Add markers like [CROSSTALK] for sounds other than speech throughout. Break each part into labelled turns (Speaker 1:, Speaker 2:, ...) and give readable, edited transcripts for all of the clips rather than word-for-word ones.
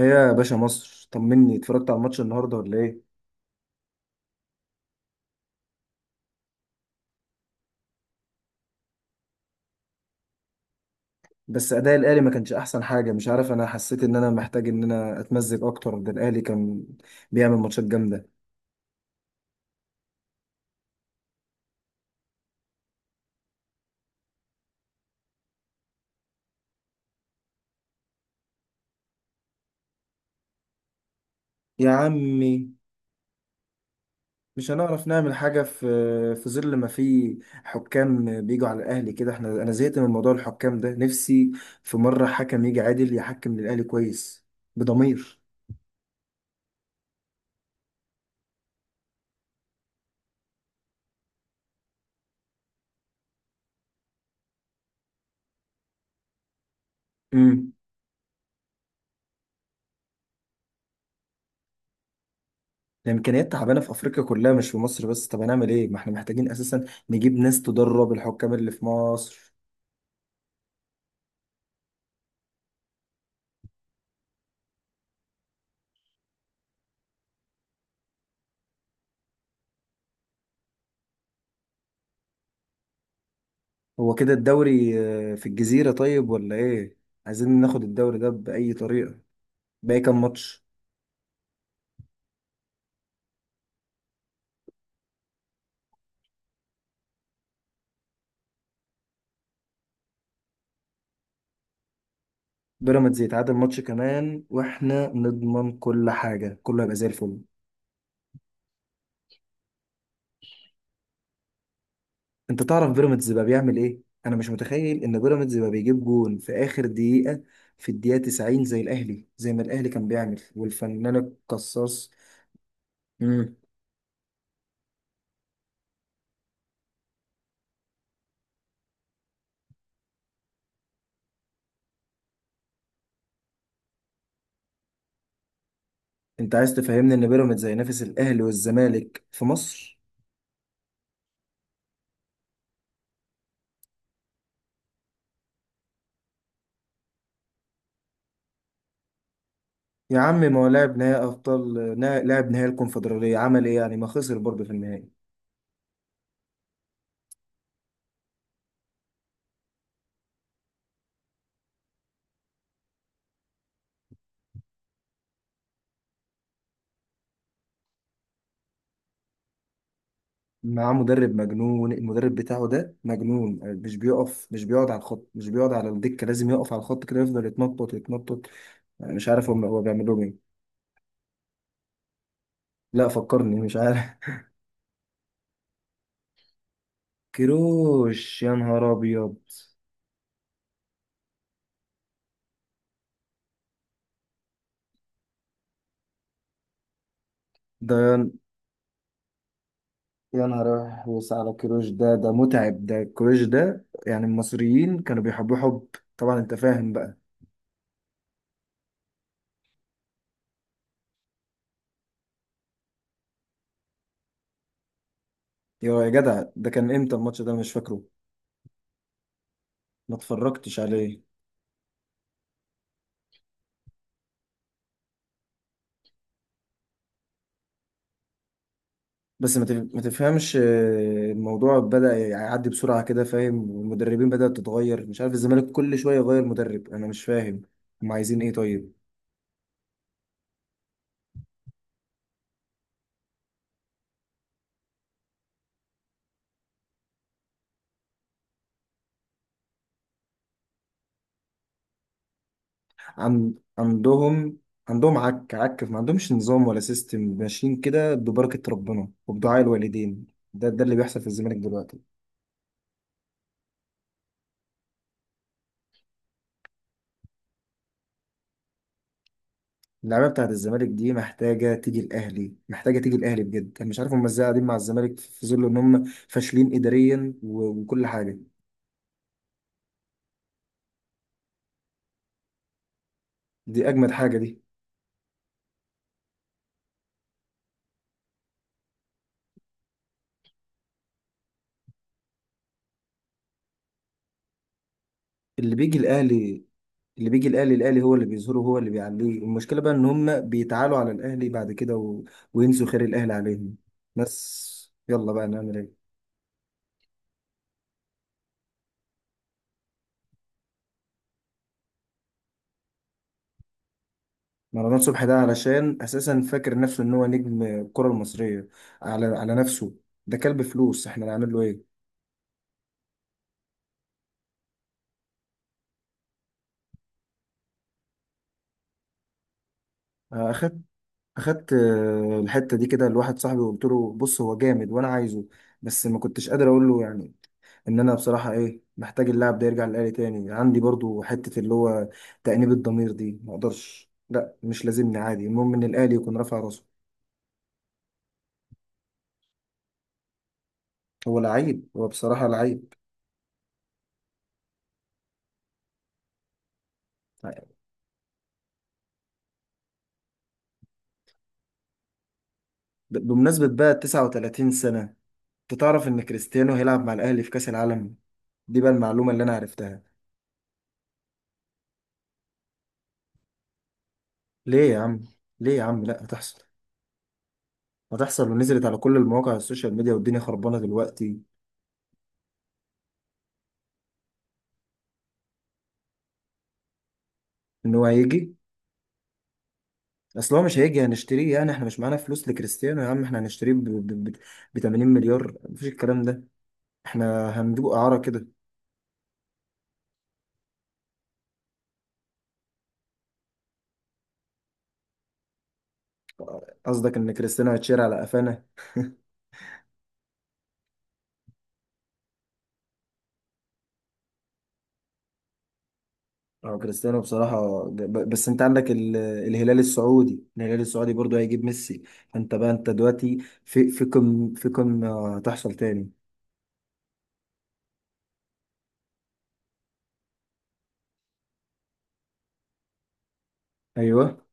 Speaker 1: ايه يا باشا مصر، طمني، اتفرجت على الماتش النهارده ولا ايه؟ بس اداء الاهلي ما كانش احسن حاجه. مش عارف، انا حسيت ان انا محتاج ان انا اتمزج اكتر. ده الاهلي كان بيعمل ماتشات جامده. يا عمي، مش هنعرف نعمل حاجه في ظل ما في حكام بيجوا على الاهلي كده. احنا انا زهقت من موضوع الحكام ده. نفسي في مره حكم يجي عادل يحكم للاهلي كويس بضمير. امم الامكانيات تعبانه في افريقيا كلها، مش في مصر بس. طب هنعمل ايه؟ ما احنا محتاجين اساسا نجيب ناس تدرب الحكام اللي في مصر. هو كده الدوري في الجزيرة طيب ولا ايه؟ عايزين ناخد الدوري ده بأي طريقة. باقي كام ماتش؟ بيراميدز يتعادل ماتش كمان واحنا نضمن كل حاجة، كله هيبقى زي الفل. انت تعرف بيراميدز بقى بيعمل ايه؟ انا مش متخيل ان بيراميدز بقى بيجيب جون في اخر دقيقة، في الدقيقة 90، زي الاهلي، زي ما الاهلي كان بيعمل والفنان القصاص. مم. انت عايز تفهمني ان بيراميدز هينافس الاهلي والزمالك في مصر؟ يا عم، ما هو لاعب نهائي الكونفدراليه عمل ايه؟ يعني ما خسر برضه في النهائي. معاه مدرب مجنون، المدرب بتاعه ده مجنون، مش بيقف، مش بيقعد على الخط، مش بيقعد على الدكه، لازم يقف على الخط كده، يفضل يتنطط يتنطط. أنا مش عارف هو بيعمل لهم ايه. لا، فكرني، مش عارف. [LAUGHS] كيروش، يا نهار ابيض! ده يا نهار أحوس على كيروش، ده ده متعب، ده كيروش ده يعني. المصريين كانوا بيحبوه حب، طبعا انت فاهم بقى. يا جدع، ده كان امتى الماتش ده؟ أنا مش فاكره. ما اتفرجتش عليه. بس ما تفهمش، الموضوع بدأ يعدي بسرعة كده، فاهم. والمدربين بدأت تتغير، مش عارف، الزمالك كل شوية يغير مدرب، أنا مش فاهم. هم عايزين إيه طيب؟ عن... عندهم عندهم، عك عك ما عندهمش نظام ولا سيستم. ماشيين كده ببركة ربنا وبدعاء الوالدين. ده ده اللي بيحصل في الزمالك دلوقتي. اللعيبة بتاعت الزمالك دي محتاجة تيجي الأهلي، محتاجة تيجي الأهلي بجد. أنا مش عارف هم إزاي قاعدين مع الزمالك في ظل إن هم فاشلين إداريا وكل حاجة. دي أجمد حاجة دي. اللي بيجي الاهلي، اللي بيجي الاهلي، الاهلي هو اللي بيظهره، هو اللي بيعليه. المشكله بقى ان هم بيتعالوا على الاهلي بعد كده وينسوا خير الاهلي عليهم. بس يلا بقى، نعمل ايه. مروان صبحي ده علشان اساسا فاكر نفسه ان هو نجم الكره المصريه، على نفسه. ده كلب فلوس، احنا نعمل له ايه. آه، اخدت اخدت الحته دي كده لواحد صاحبي، وقلت له بص، هو جامد وانا عايزه، بس ما كنتش قادر اقول له يعني. ان انا بصراحه ايه محتاج اللاعب ده يرجع للآلي تاني. عندي برضو حته اللي هو تأنيب الضمير دي ما اقدرش. لا، مش لازمني عادي، المهم ان الآلي يكون رافع راسه. هو لعيب، هو بصراحه لعيب. بمناسبه بقى 39 سنه، انت تعرف ان كريستيانو هيلعب مع الأهلي في كأس العالم؟ دي بقى المعلومه اللي انا عرفتها. ليه يا عم؟ ليه يا عم؟ لا، هتحصل. هتحصل ونزلت على كل المواقع، السوشيال ميديا والدنيا خربانه دلوقتي. ان هو هيجي. اصل هو مش هيجي هنشتريه يعني، احنا مش معانا فلوس لكريستيانو يا عم. احنا هنشتريه ب 80 مليار؟ مفيش الكلام ده. احنا هندوق اعاره كده. قصدك ان كريستيانو هيتشير على قفانا؟ اه كريستيانو بصراحه، بس انت عندك الهلال السعودي، الهلال السعودي برضو هيجيب ميسي. فانت بقى، انت دلوقتي في كم، في كم هتحصل تاني؟ ايوه.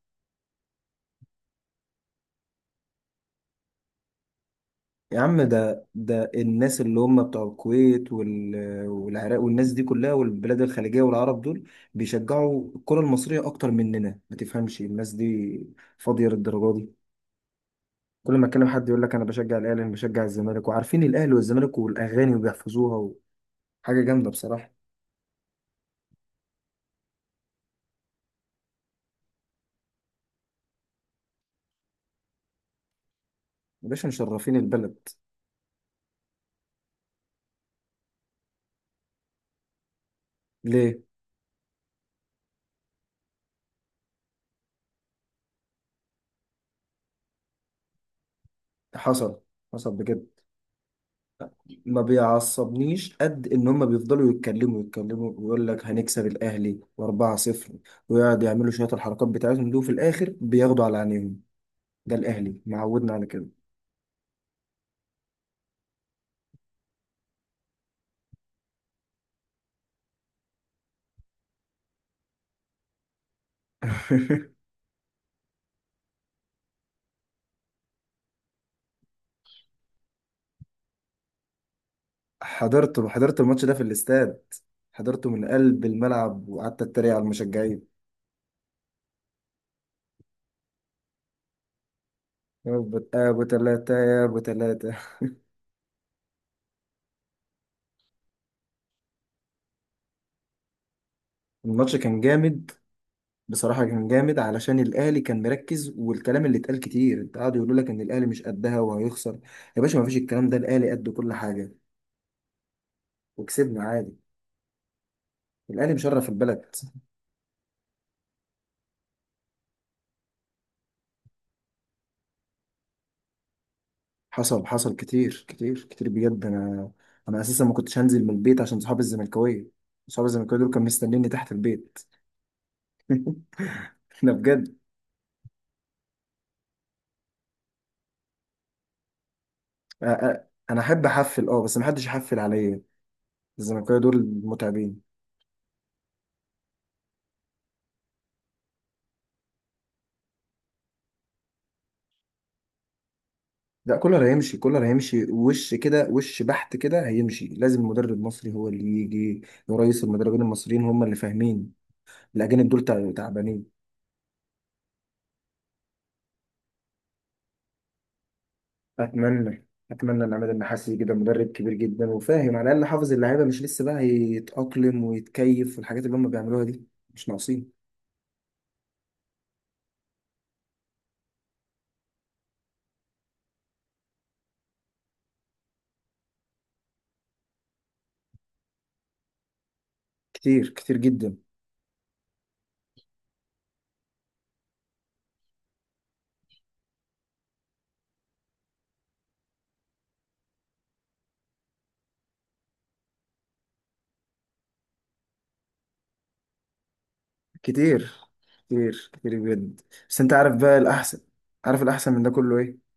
Speaker 1: يا عم، ده الناس اللي هم بتوع الكويت والعراق والناس دي كلها والبلاد الخليجية والعرب دول بيشجعوا الكرة المصرية أكتر مننا. ما تفهمش، الناس دي فاضية للدرجة دي. كل ما أتكلم حد يقول لك أنا بشجع الأهلي، أنا بشجع الزمالك. وعارفين الأهلي والزمالك والأغاني وبيحفظوها، وحاجة جامدة بصراحة. يا باشا، مشرفين البلد. ليه؟ حصل، حصل بجد. ما بيعصبنيش قد ان هم بيفضلوا يتكلموا يتكلموا، ويقول لك هنكسب الاهلي واربعة صفر، ويقعد يعملوا شوية الحركات بتاعتهم دي. وفي الاخر بياخدوا على عينيهم. ده الاهلي معودنا على كده. [LAUGHS] حضرت الماتش ده في الاستاد. حضرته من قلب الملعب وقعدت اتريق على المشجعين. يا أبو تلاتة، يا ابو تلاتة. الماتش كان جامد. بصراحة كان جامد، علشان الأهلي كان مركز، والكلام اللي اتقال كتير، قعدوا يقولوا لك إن الأهلي مش قدها وهيخسر. يا باشا، مفيش الكلام ده، الأهلي قد كل حاجة، وكسبنا عادي. الاهلي مشرف البلد. حصل، حصل كتير كتير كتير بجد. انا اساسا ما كنتش هنزل من البيت عشان صحابي الزملكاويه. صحابي الزملكاويه دول كانوا مستنيني تحت البيت. [LAUGHS] لا بجد. أ- أ- انا احب احفل اه، بس ما حدش يحفل عليا. الزملكاويه دول متعبين. لا، كولر هيمشي، كولر هيمشي وش كده، وش بحت كده هيمشي. لازم مدرب مصري هو اللي يجي. ورئيس المدربين المصريين هم اللي فاهمين، الاجانب دول تعبانين. اتمنى، اتمنى ان عماد النحاس كده، مدرب كبير جدا وفاهم، على الاقل حافظ اللعيبه، مش لسه بقى يتاقلم ويتكيف في الحاجات اللي هم بيعملوها دي. مش ناقصين. كتير كتير جدا، كتير كتير كتير بجد. بس انت عارف بقى الاحسن، عارف الاحسن من ده كله ايه؟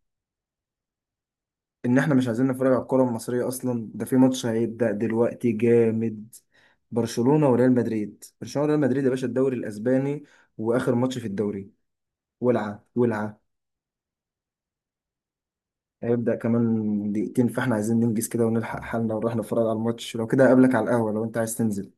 Speaker 1: ان احنا مش عايزين نتفرج على الكره المصريه اصلا. ده في ماتش هيبدا دلوقتي جامد، برشلونه وريال مدريد، برشلونه وريال مدريد يا باشا. الدوري الاسباني، واخر ماتش في الدوري، ولعه ولعه. هيبدأ كمان دقيقتين، فاحنا عايزين ننجز كده ونلحق حالنا ونروح نتفرج على الماتش. لو كده اقابلك على القهوة لو انت عايز تنزل.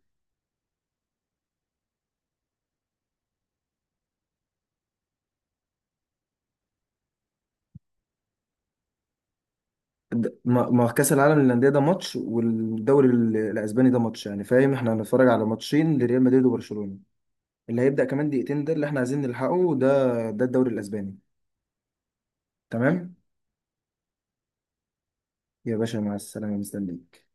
Speaker 1: ما كأس العالم للأندية ده ماتش، والدوري الأسباني ده ماتش يعني، فاهم. احنا هنتفرج على ماتشين لريال مدريد وبرشلونة. اللي هيبدأ كمان دقيقتين ده اللي احنا عايزين نلحقه. ده ده الدوري الأسباني. تمام، يا باشا مع السلامة، مستنيك.